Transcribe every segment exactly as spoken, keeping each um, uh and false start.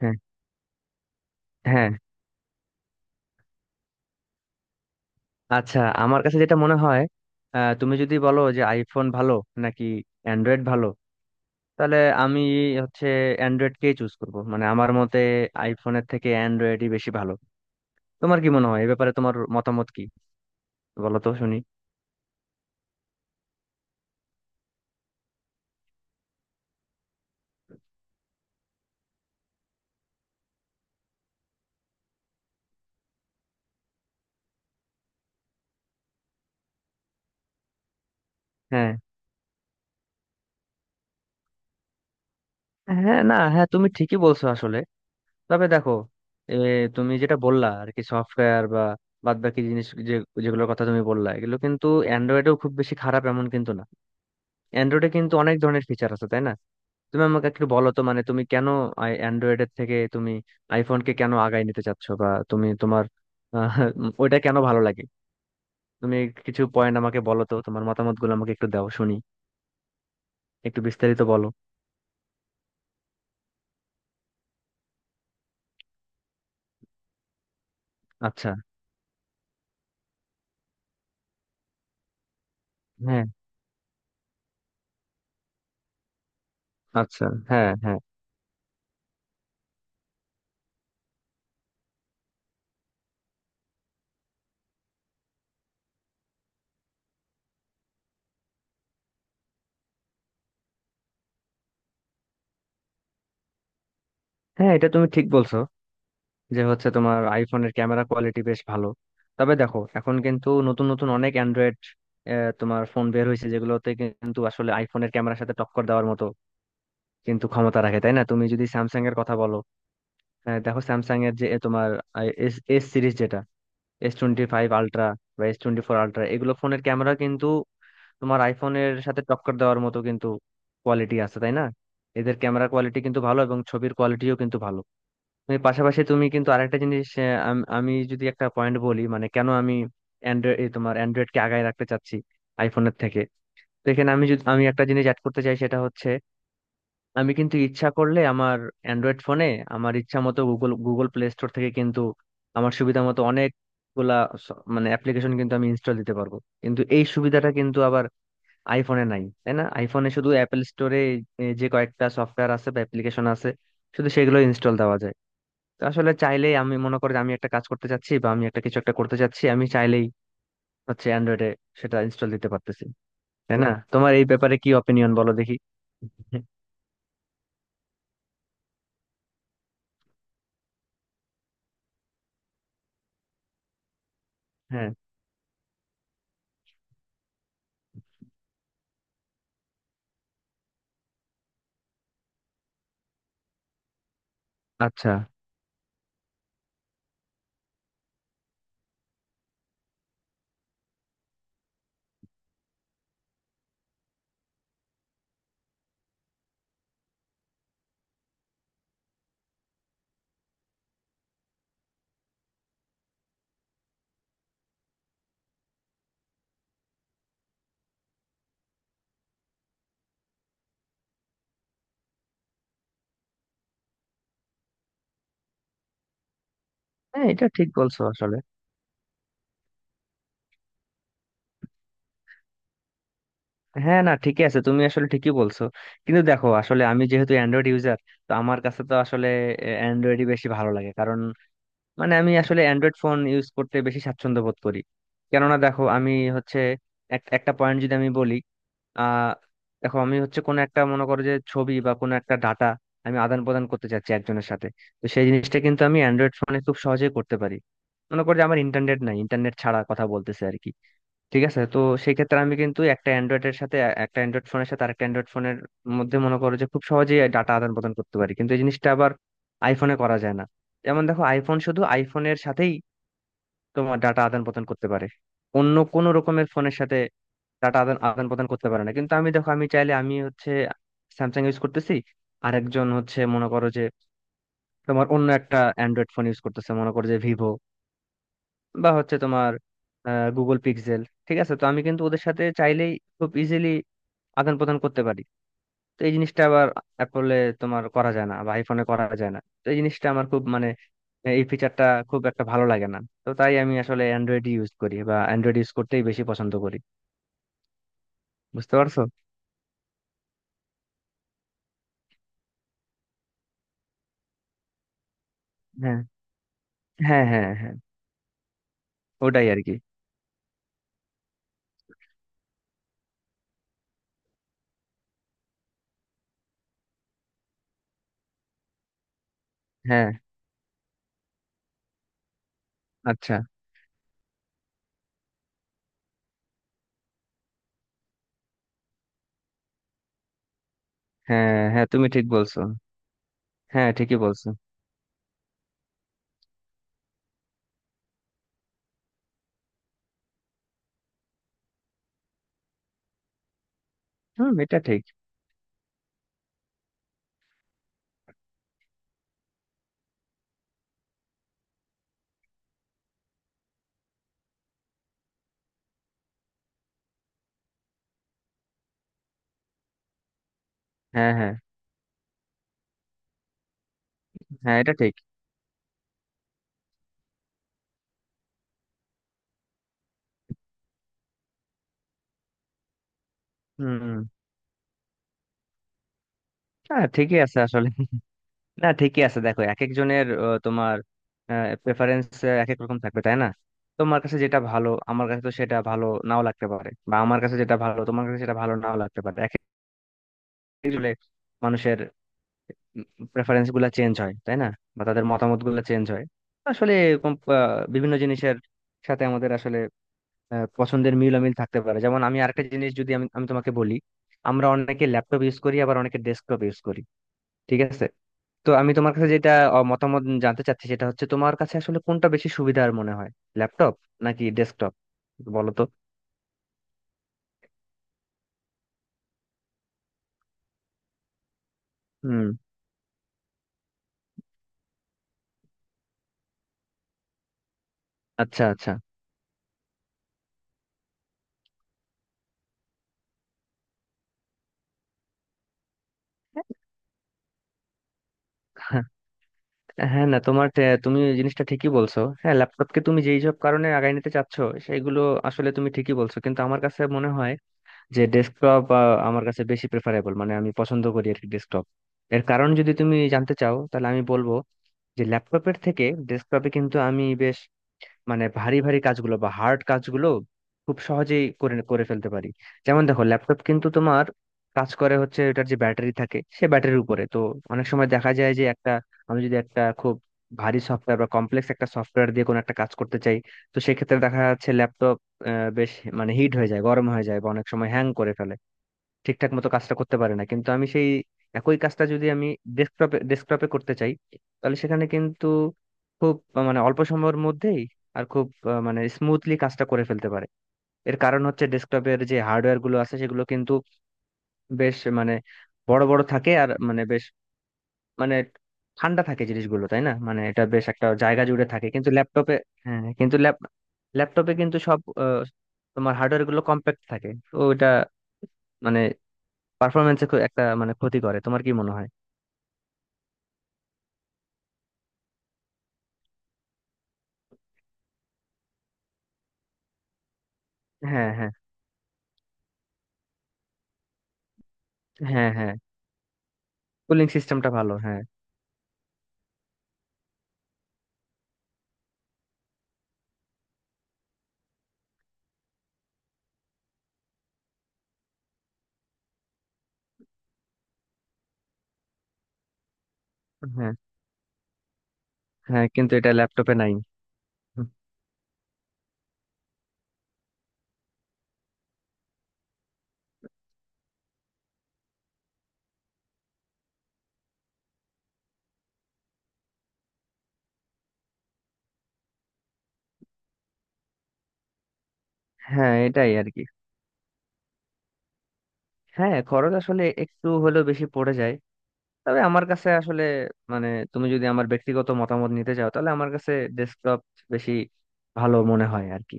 হ্যাঁ, হ্যাঁ। আচ্ছা, আমার কাছে যেটা মনে হয়, আহ, তুমি যদি বলো যে আইফোন ভালো নাকি অ্যান্ড্রয়েড ভালো, তাহলে আমি হচ্ছে অ্যান্ড্রয়েডকেই চুজ করব। মানে আমার মতে আইফোনের থেকে অ্যান্ড্রয়েডই বেশি ভালো। তোমার কি মনে হয় এই ব্যাপারে? তোমার মতামত কি, বলো তো শুনি। হ্যাঁ, হ্যাঁ, না, হ্যাঁ, তুমি ঠিকই বলছো আসলে। তবে দেখো, এ, তুমি যেটা বললা আর কি, সফটওয়্যার বা বাদ বাকি জিনিস, যে যেগুলোর কথা তুমি বললা, এগুলো কিন্তু অ্যান্ড্রয়েডেও খুব বেশি খারাপ এমন কিন্তু না। অ্যান্ড্রয়েডে কিন্তু অনেক ধরনের ফিচার আছে, তাই না? তুমি আমাকে একটু বলো তো, মানে তুমি কেন অ্যান্ড্রয়েডের থেকে তুমি আইফোনকে কেন আগায় নিতে চাচ্ছ, বা তুমি তোমার আহ, উম, ওইটা কেন ভালো লাগে। তুমি কিছু পয়েন্ট আমাকে বলো তো, তোমার মতামতগুলো আমাকে একটু দাও শুনি, একটু বিস্তারিত বলো। আচ্ছা। হ্যাঁ। আচ্ছা। হ্যাঁ, হ্যাঁ। হ্যাঁ, এটা তুমি ঠিক বলছো যে হচ্ছে তোমার আইফোনের ক্যামেরা কোয়ালিটি বেশ ভালো। তবে দেখো, এখন কিন্তু নতুন নতুন অনেক অ্যান্ড্রয়েড তোমার ফোন বের হয়েছে, যেগুলোতে কিন্তু আসলে আইফোনের ক্যামেরার সাথে টক্কর দেওয়ার মতো কিন্তু ক্ষমতা রাখে, তাই না? তুমি যদি স্যামসাং এর কথা বলো। হ্যাঁ, দেখো স্যামসাং এর যে এ তোমার এস এস সিরিজ, যেটা এস টোয়েন্টি ফাইভ আলট্রা বা এস টোয়েন্টি ফোর আলট্রা, এগুলো ফোনের ক্যামেরা কিন্তু তোমার আইফোনের সাথে টক্কর দেওয়ার মতো কিন্তু কোয়ালিটি আছে, তাই না? এদের ক্যামেরা কোয়ালিটি কিন্তু ভালো এবং ছবির কোয়ালিটিও কিন্তু ভালো। তুমি পাশাপাশি তুমি কিন্তু আরেকটা জিনিস, আহ, আম- আমি যদি একটা পয়েন্ট বলি, মানে কেন আমি অ্যান্ড্রয়েড তোমার অ্যান্ড্রয়েডকে আগায় রাখতে চাচ্ছি আইফোনের থেকে। তো এখানে আমি যদি, আমি একটা জিনিস অ্যাড করতে চাই, সেটা হচ্ছে আমি কিন্তু ইচ্ছা করলে আমার অ্যান্ড্রয়েড ফোনে আমার ইচ্ছা মতো গুগল গুগল প্লে স্টোর থেকে কিন্তু আমার সুবিধা মতো অনেকগুলা স- মানে অ্যাপ্লিকেশন কিন্তু আমি ইনস্টল দিতে পারবো। কিন্তু এই সুবিধাটা কিন্তু আবার আইফোনে নাই, তাই না? আইফোনে শুধু অ্যাপেল স্টোরে যে কয়েকটা সফটওয়্যার আছে বা অ্যাপ্লিকেশন আছে, শুধু সেগুলো ইনস্টল দেওয়া যায়। তো আসলে চাইলেই, আমি মনে করি যে আমি একটা কাজ করতে চাচ্ছি বা আমি একটা, কিছু একটা করতে চাচ্ছি, আমি চাইলেই হচ্ছে অ্যান্ড্রয়েডে সেটা ইনস্টল দিতে পারতেছি। তাই না? তোমার এই ব্যাপারে কি অপিনিয়ন বলো দেখি। হ্যাঁ। আচ্ছা। হ্যাঁ, এটা ঠিক বলছো আসলে। হ্যাঁ, না ঠিকই আছে, তুমি আসলে ঠিকই বলছো। কিন্তু দেখো, আসলে আমি যেহেতু অ্যান্ড্রয়েড ইউজার, তো আমার কাছে তো আসলে অ্যান্ড্রয়েডই বেশি ভালো লাগে। কারণ মানে আমি আসলে অ্যান্ড্রয়েড ফোন ইউজ করতে বেশি স্বাচ্ছন্দ্য বোধ করি। কেননা দেখো, আমি হচ্ছে এক- একটা পয়েন্ট যদি আমি বলি, আহ দেখো, আমি হচ্ছে কোনো একটা, মনে করো যে ছবি বা কোনো একটা ডাটা আমি আদান প্রদান করতে চাচ্ছি একজনের সাথে। তো সেই জিনিসটা কিন্তু আমি অ্যান্ড্রয়েড ফোনে খুব সহজেই করতে পারি। মনে করো যে আমার ইন্টারনেট নাই, ইন্টারনেট ছাড়া কথা বলতেছে আর কি। ঠিক আছে। তো সেই ক্ষেত্রে আমি কিন্তু একটা অ্যান্ড্রয়েডের সাথে, এ- একটা অ্যান্ড্রয়েড ফোনের সাথে আরেকটা অ্যান্ড্রয়েড ফোনের মধ্যে, মনে করো যে, খুব সহজেই ডাটা আদান প্রদান করতে পারি। কিন্তু এই জিনিসটা আবার আইফোনে করা যায় না। যেমন দেখো, আইফোন শুধু আইফোনের সাথেই তোমার ডাটা আদান প্রদান করতে পারে, অন্য কোনো রকমের ফোনের সাথে ডাটা আদান আদান প্রদান করতে পারে না। কিন্তু আমি, দেখো, আমি চাইলে আমি হচ্ছে স্যামসাং ইউজ করতেছি, আরেকজন হচ্ছে, মনে করো যে তোমার অন্য একটা অ্যান্ড্রয়েড ফোন ইউজ করতেছে, মনে করো যে ভিভো বা হচ্ছে তোমার গুগল পিক্সেল। ঠিক আছে। তো আমি কিন্তু ওদের সাথে চাইলেই খুব ইজিলি আদান প্রদান করতে পারি। তো এই জিনিসটা আবার অ্যাপলে তোমার করা যায় না, বা আইফোনে করা যায় না। তো এই জিনিসটা আমার খুব মানে, এই ফিচারটা খুব একটা ভালো লাগে না। তো তাই আমি আসলে অ্যান্ড্রয়েড ইউজ করি, বা অ্যান্ড্রয়েড ইউজ করতেই বেশি পছন্দ করি। বুঝতে পারছো? হ্যাঁ, হ্যাঁ, হ্যাঁ। হ্যাঁ, ওটাই আর কি। হ্যাঁ। আচ্ছা। হ্যাঁ, হ্যাঁ, তুমি ঠিক বলছো। হ্যাঁ, ঠিকই বলছো। হুম, এটা ঠিক। হ্যাঁ, হ্যাঁ। হ্যাঁ, এটা ঠিক। হুম। হ্যাঁ, ঠিকই আছে আসলে। না, ঠিকই আছে। দেখো, এক একজনের আহ, তোমার প্রেফারেন্স এক এক রকম থাকবে, তাই না? তোমার কাছে যেটা ভালো আমার কাছে তো সেটা ভালো নাও লাগতে পারে, বা আমার কাছে যেটা ভালো তোমার কাছে সেটা ভালো নাও লাগতে পারে। এক একজনের মানুষের প্রেফারেন্স গুলা চেঞ্জ হয়, তাই না? বা তাদের মতামত গুলা চেঞ্জ হয়। আসলে এরকম আহ, বিভিন্ন জিনিসের সাথে আমাদের আসলে আহ, পছন্দের মিল অমিল থাকতে পারে। যেমন আমি আরেকটা জিনিস যদি আমি, আমি তোমাকে বলি, আমরা অনেকে ল্যাপটপ ইউজ করি, আবার অনেকে ডেস্কটপ ইউজ করি। ঠিক আছে। তো আমি তোমার কাছে যেটা অ, মতামত জানতে চাচ্ছি, সেটা হচ্ছে তোমার কাছে আসলে কোনটা বেশি সুবিধার মনে হয়, ল্যাপটপ নাকি ডেস্কটপ, বলো তো। হুম। আচ্ছা। আচ্ছা। হ্যাঁ, হ্যাঁ, না, তোমার টে- তুমি এই জিনিসটা ঠিকই বলছো। হ্যাঁ, ল্যাপটপকে তুমি যেই সব কারণে আগায় নিতে চাচ্ছ, সেইগুলো আসলে তুমি ঠিকই বলছো। কিন্তু আমার কাছে মনে হয় যে ডেস্কটপ আমার কাছে বেশি প্রেফারেবল, মানে আমি পছন্দ করি আর কি ডেস্কটপ। এর কারণ যদি তুমি জানতে চাও তাহলে আমি বলবো যে ল্যাপটপের থেকে ডেস্কটপে কিন্তু আমি মানে ভারী ভারী কাজগুলো বা হার্ড কাজগুলো খুব সহজেই করে করে ফেলতে পারি। যেমন দেখো, ল্যাপটপ কিন্তু তোমার কাজ করে হচ্ছে এটার যে ব্যাটারি থাকে সে ব্যাটারির উপরে, তো অনেক সময় দেখা যায় যে একটা, আমি যদি একটা খুব ভারী সফটওয়্যার বা কমপ্লেক্স একটা সফটওয়্যার দিয়ে কোনো একটা কাজ করতে চাই, তো সেক্ষেত্রে দেখা যাচ্ছে ল্যাপটপ বেশ মানে হিট হয়ে যায়, গরম হয়ে যায়, বা অনেক সময় হ্যাং করে ফেলে, ঠিকঠাক মতো কাজটা করতে পারে না। কিন্তু আমি সেই একই কাজটা যদি আমি ডেস্কটপে ডেস্কটপে করতে চাই, তাহলে সেখানে কিন্তু খুব আহ, মানে অল্প সময়ের মধ্যেই আর খুব আহ, মানে স্মুথলি কাজটা করে ফেলতে পারে। এর কারণ হচ্ছে ডেস্কটপের যে হার্ডওয়্যার গুলো আছে সেগুলো কিন্তু বেশ মানে বড় বড় থাকে, আর মানে বেশ মানে ঠান্ডা থাকে জিনিসগুলো, তাই না? মানে এটা বেশ একটা জায়গা জুড়ে থাকে, কিন্তু ল্যাপটপে। হ্যাঁ, কিন্তু ল্যাপ ল্যাপটপে কিন্তু সব আহ, তোমার হার্ডওয়্যার গুলো কম্প্যাক্ট থাকে, তো এটা মানে পারফরমেন্সে একটা মানে ক্ষতি করে। তোমার কি মনে হয়? হ্যাঁ, হ্যাঁ। হ্যাঁ, হ্যাঁ। কুলিং সিস্টেমটা ভালো। হ্যাঁ, হ্যাঁ, হ্যাঁ, কিন্তু এটা ল্যাপটপে নাই। হুম। হ্যাঁ, এটাই আর কি। হ্যাঁ, খরচ আসলে একটু হলেও বেশি পড়ে যায়। তবে আমার কাছে আসলে মানে, তুমি যদি আমার ব্যক্তিগত মতামত নিতে চাও তাহলে আমার কাছে ডেস্কটপ বেশি ভালো মনে হয় আর কি,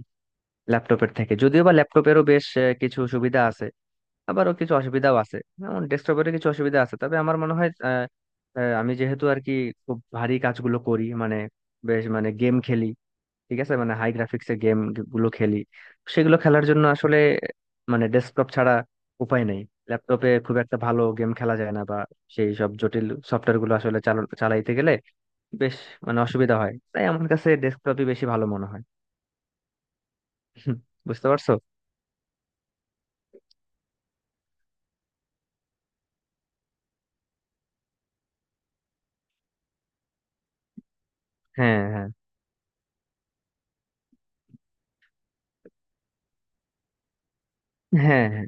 ল্যাপটপের থেকে। যদিও বা ল্যাপটপেরও বেশ আহ, কিছু সুবিধা আছে, আবারও কিছু অসুবিধাও আছে, যেমন ডেস্কটপের কিছু অসুবিধা আছে। তবে আমার মনে হয়, আহ, আহ, আমি যেহেতু আর কি খুব ভারী কাজগুলো করি, মানে বেশ মানে গেম খেলি, ঠিক আছে, মানে হাই গ্রাফিক্সের গেম গুলো খেলি, সেগুলো খেলার জন্য আসলে মানে ডেস্কটপ ছাড়া উপায় নেই। ল্যাপটপে খুব একটা ভালো গেম খেলা যায় না, বা সেই সব জটিল সফটওয়্যার গুলো আসলে চাল- চালাইতে গেলে বেশ মানে অসুবিধা হয়, তাই আমার কাছে ডেস্কটপই বেশি ভালো মনে হয়। বুঝতে পারছো? হ্যাঁ, হ্যাঁ, হ্যাঁ। হ্যাঁ,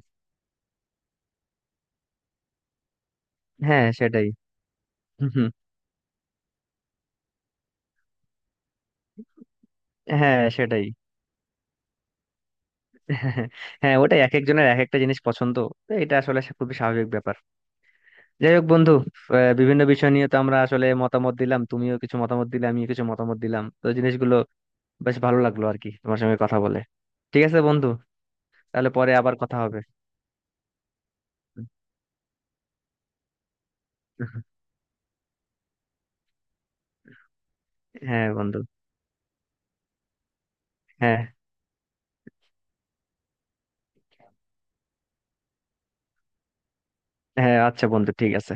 হ্যাঁ, সেটাই। হ্যাঁ, সেটাই। হ্যাঁ, হ্যাঁ, ওটাই, এক একজনের এক একটা জিনিস পছন্দ, তো এটা আসলে সা- খুবই স্বাভাবিক ব্যাপার। যাই হোক বন্ধু, আহ, বিভিন্ন বিষয় নিয়ে তো আমরা আসলে মতামত দিলাম, তুমিও কিছু মতামত দিলে, আমিও কিছু মতামত দিলাম, তো জিনিসগুলো বেশ ভালো লাগলো আর কি তোমার সঙ্গে কথা বলে। ঠিক আছে বন্ধু, তাহলে পরে আবার কথা হবে। হ্যাঁ বন্ধু। হ্যাঁ। হ্যাঁ, আচ্ছা বন্ধু, ঠিক আছে।